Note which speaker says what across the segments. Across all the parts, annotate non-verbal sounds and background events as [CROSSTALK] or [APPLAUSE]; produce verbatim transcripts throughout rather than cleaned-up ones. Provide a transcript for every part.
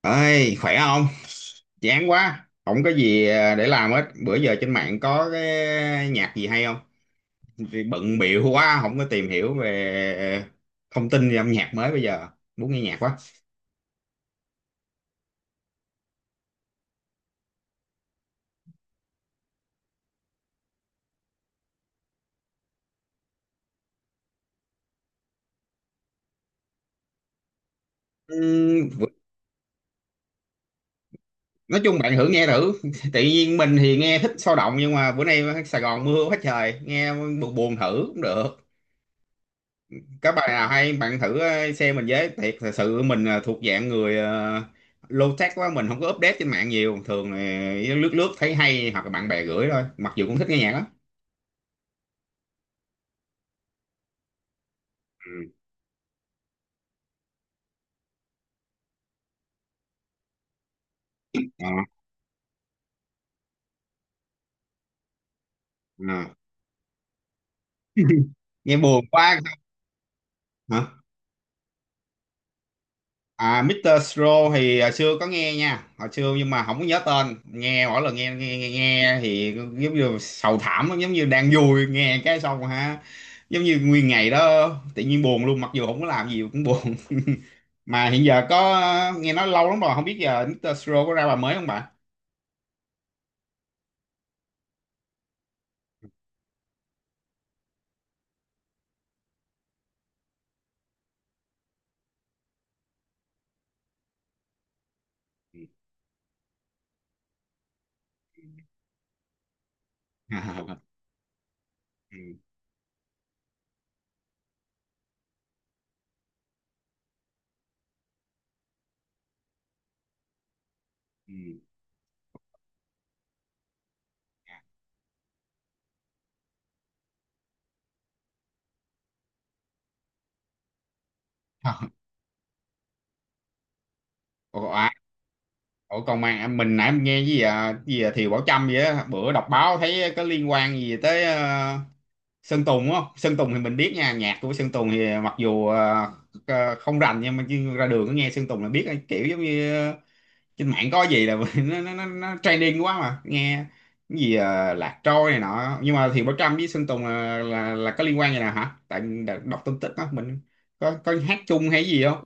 Speaker 1: Ơi, khỏe không? Chán quá không có gì à, để làm hết bữa giờ. Trên mạng có cái nhạc gì hay không? Vì bận bịu quá không có tìm hiểu về ờ, thông tin về âm nhạc mới bây giờ. Muốn nghe nhạc quá. Ừm, bữa- nói chung bạn thử nghe thử. [LAUGHS] Tự nhiên mình thì nghe thích sôi động, nhưng mà bữa nay Sài Gòn mưa quá trời, nghe buồn buồn thử cũng được. Các bài nào hay bạn thử ờ, xem mình với. Thiệt thật sự mình ờ, thuộc dạng người uh, low tech quá, mình không có update trên mạng nhiều, thường là lướt lướt thấy hay hoặc là bạn bè gửi thôi, mặc dù cũng thích nghe nhạc lắm. Ừ. Ờ, ờ. Nghe buồn quá. Hả? À, mít tơ Sro thì hồi xưa có nghe nha, hồi xưa, nhưng mà không có nhớ tên. Nghe mỗi lần nghe nghe nghe, nghe thì giống như sầu thảm lắm, giống như đang vui nghe cái xong, ha, giống như nguyên ngày đó tự nhiên buồn luôn, mặc dù không có làm gì cũng buồn. [LAUGHS] Mà hiện giờ có nghe nói lâu lắm rồi, không biết giờ mít tơ Siro có ra bài mới không bạn? Ừ. [LAUGHS] Ừ, ừ. Ủa, à, ủa còn mà à, mình nãy mình nghe gì, à, gì à, Thiều Bảo Trâm vậy á, bữa đọc báo thấy có liên quan gì tới ờ, Sơn Tùng, đúng không? Sơn Tùng thì mình biết nha, nhạc của Sơn Tùng thì mặc dù ờ, ờ, không rành, nhưng mà chứ ra đường có nghe Sơn Tùng là biết, kiểu giống như trên mạng có gì là [LAUGHS] nó nó nó, nó trending quá mà nghe cái gì, à, lạc trôi này nọ, nhưng mà Thiện Bảo Trâm với Sơn Tùng là là, là có liên quan gì nào hả, tại mình đã đọc tin tức á mình có có hát chung hay gì không.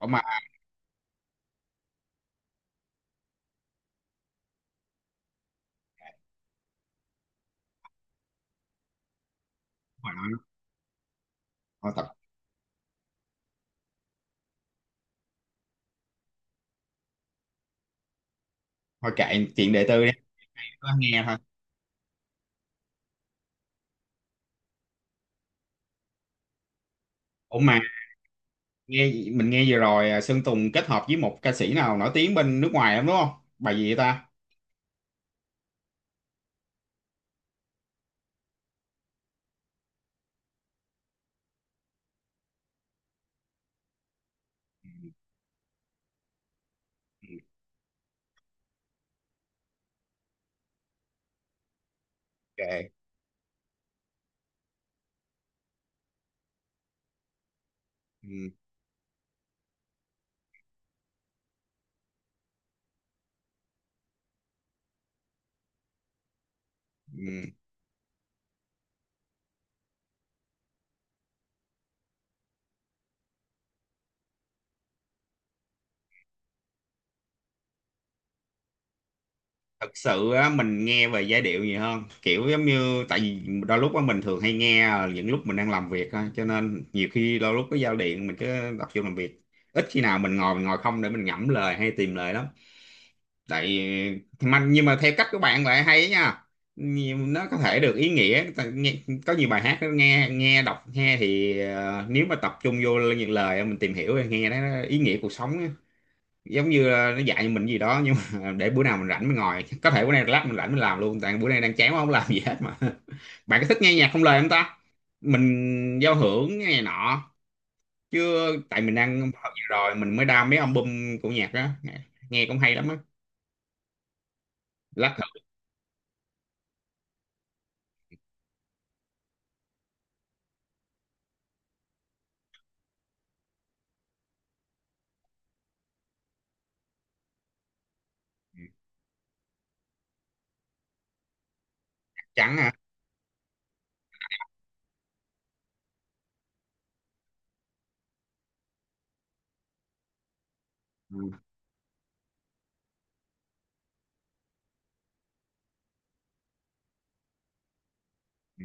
Speaker 1: Ủa mà hồi nói hồi tập hồi kệ chuyện đời tư đi, có nghe thôi. Ủa mà nghe, mình nghe vừa rồi, à, Sơn Tùng kết hợp với một ca sĩ nào nổi tiếng bên nước ngoài lắm, đúng không? Bài gì vậy ta? Ok. Ừ. Ừ. Thật sự á, mình nghe về giai điệu nhiều hơn, kiểu giống như tại vì đôi lúc á, mình thường hay nghe ờ, những lúc mình đang làm việc thôi, cho nên nhiều khi đôi lúc cái giao điện mình cứ tập trung làm việc, ít khi nào mình ngồi mình ngồi không để mình ngẫm lời hay tìm lời lắm. Tại, mà nhưng mà theo cách của bạn lại hay nha. Nhiều- nó có thể được ý nghĩa. Tại nghe, có nhiều bài hát nó nghe nghe đọc nghe thì ờ, nếu mà tập trung vô những lời mình tìm hiểu thì nghe nó ý nghĩa cuộc sống, giống như là nó dạy mình gì đó, nhưng mà [LAUGHS] để bữa nào mình rảnh mình ngồi, có thể bữa nay lát mình rảnh mình làm luôn, tại bữa nay đang chán quá không làm gì hết mà. [LAUGHS] Bạn có thích nghe nhạc không lời không ta? Mình giao hưởng nghe này nọ chứ, tại mình đang học gì rồi mình mới đam mấy album của nhạc đó, nghe cũng hay lắm á. Lát thử. Trắng à? Ừ. Ừ,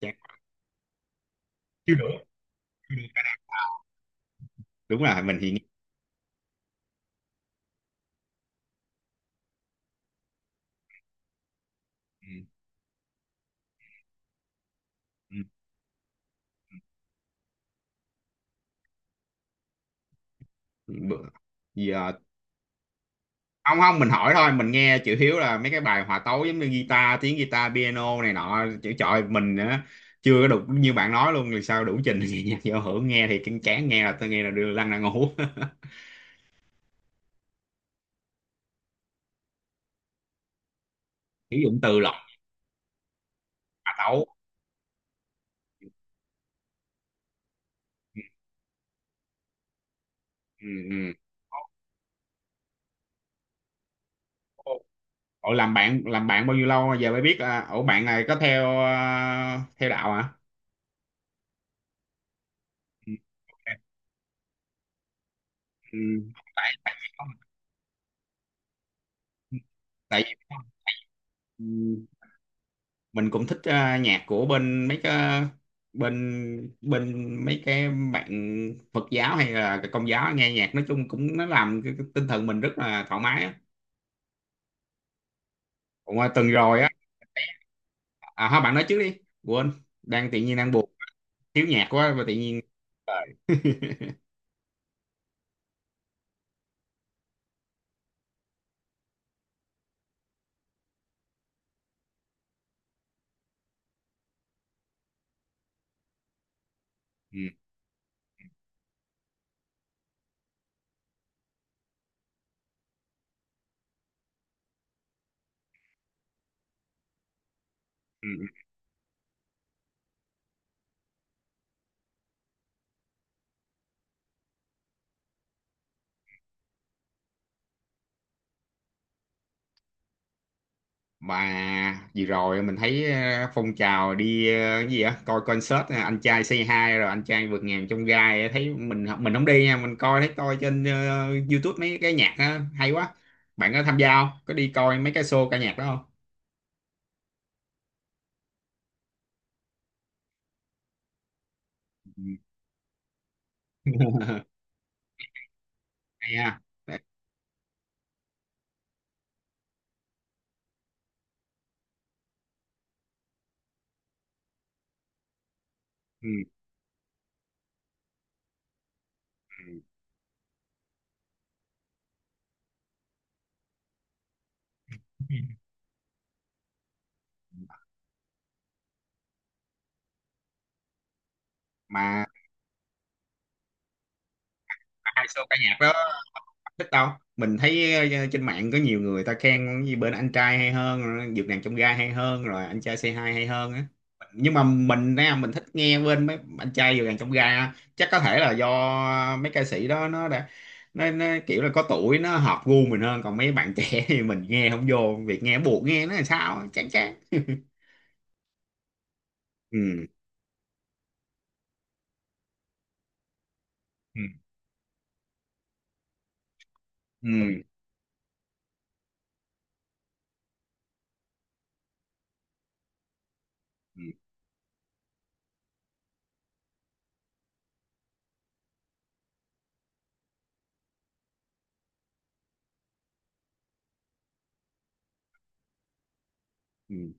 Speaker 1: trắng. Chưa đủ. Chưa đủ. Đúng rồi, mình thì nghe. Ừ. Ừ, ừ. Bữa giờ. Không, không, mình hỏi thôi. Mình nghe chữ Hiếu là mấy cái bài hòa tấu giống như guitar tiếng guitar piano này nọ, chữ trời mình á, chưa có đủ như bạn nói luôn thì sao đủ trình. [LAUGHS] Thì nhạc giao hưởng nghe thì kinh chán, nghe là tôi nghe là đưa lăn ra ngủ. [LAUGHS] Sử dụng từ lọc. Hòa tấu. Ừ, ừ. Ừ. Ủa làm bạn làm bạn bao nhiêu lâu rồi? Giờ mới biết à, ủa bạn này có theo à, theo đạo hả? Ừ. Ok. Ừ. Tại tại vì mình cũng thích ờ, nhạc của bên mấy cái bên bên mấy cái bạn Phật giáo hay là Công giáo, nghe nhạc nói chung cũng nó làm cái, cái tinh thần mình rất là thoải mái á. Cũng ờ, tuần rồi á, à thôi bạn nói trước đi. Quên, đang tự nhiên đang buồn, thiếu nhạc quá và tự nhiên. Trời. [LAUGHS] Ừ, ừ, ừ. Mà vừa rồi mình thấy ờ, phong trào đi ờ, cái gì á coi concert ờ, anh trai Say Hi rồi anh trai vượt ngàn chông gai á, thấy mình mình không đi nha, mình coi thấy coi trên ờ, YouTube mấy cái nhạc á, hay quá. Bạn có tham gia không? Có đi coi mấy cái show ca nhạc đó không? Ừ. [LAUGHS] Hay ha. Ừ. Mà hai show ca nhạc đó thích đâu, mình thấy ờ, trên mạng có nhiều người ta khen cái gì bên anh trai hay hơn rồi dược nàng trong gai hay hơn rồi anh trai xê hai hay hơn á, nhưng mà mình á, mình thích nghe bên mấy anh trai dược nàng trong gai á. Chắc có thể là do mấy ca sĩ đó nó đã nó, nó kiểu là có tuổi nó hợp gu mình hơn, còn mấy bạn trẻ [LAUGHS] thì mình nghe không vô, việc nghe buộc nghe nó là sao á, chán chán. [LAUGHS] Ừ, ừ, ừ, ừ, ừ.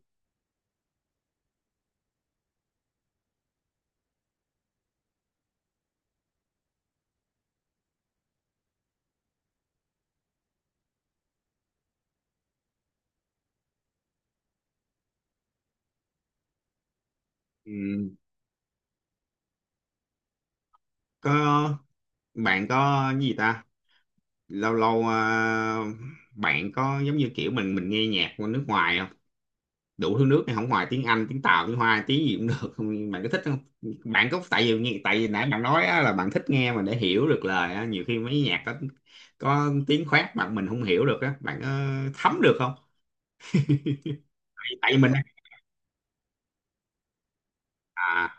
Speaker 1: Ừ. Có, bạn có cái gì ta, lâu lâu à, bạn có giống như kiểu mình mình nghe nhạc của nước ngoài không đủ thứ nước này không, ngoài tiếng Anh, tiếng Tàu, tiếng Hoa, tiếng gì cũng được không, bạn có thích không? Bạn có, tại vì nghe tại vì nãy bạn nói á, là bạn thích nghe mà để hiểu được lời á, nhiều khi mấy nhạc có, có tiếng khoát bạn mình không hiểu được á, bạn có thấm được không? Tại vì mình à,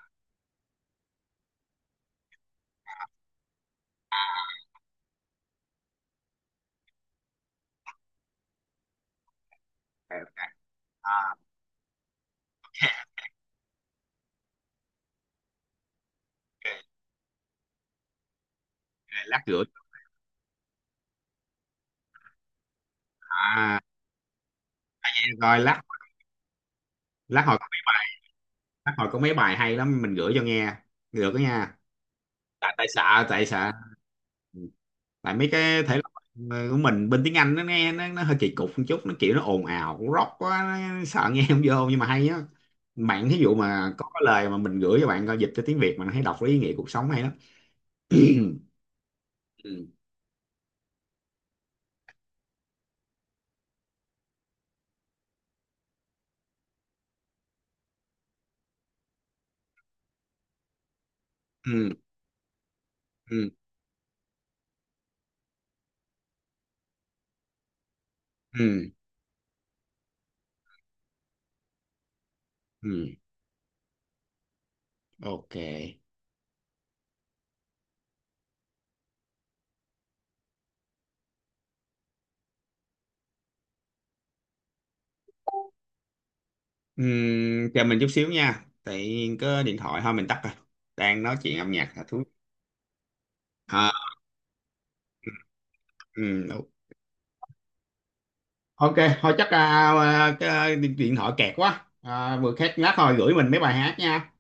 Speaker 1: à, à, ok, lát gửi, à, nghe coi lát, lát hồi có mấy bài lát hồi có mấy bài hay lắm mình gửi cho nghe được đó nha. Tại tại xạ tại xạ. Ừ. Tại mấy cái thể loại ờ, của mình bên tiếng Anh nó nghe nó, nó hơi kỳ cục một chút, nó kiểu nó ồn ào cũng rock quá, nó sợ nghe không vô, nhưng mà hay á. Bạn thí dụ mà có cái lời mà mình gửi cho bạn coi dịch cho tiếng Việt mà thấy đọc lấy ý nghĩa cuộc sống hay lắm. [CLEARS THROAT] Ừ, ừ, ừ, ừ, ừ. Ok. Ừ, chờ mình chút xíu nha, tại có điện thoại, thôi mình tắt rồi. Đang nói chuyện âm nhạc là thú. À, ừ, ok. Ok, thôi chắc à, à, cái à, điện thoại kẹt quá. À, vừa khách lát, thôi gửi mình mấy bài hát nha.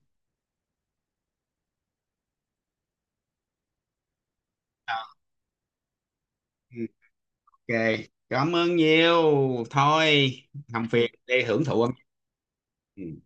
Speaker 1: Ừ, ok, cảm ơn nhiều. Thôi, làm phiền đi hưởng thụ âm nhạc. Ừ.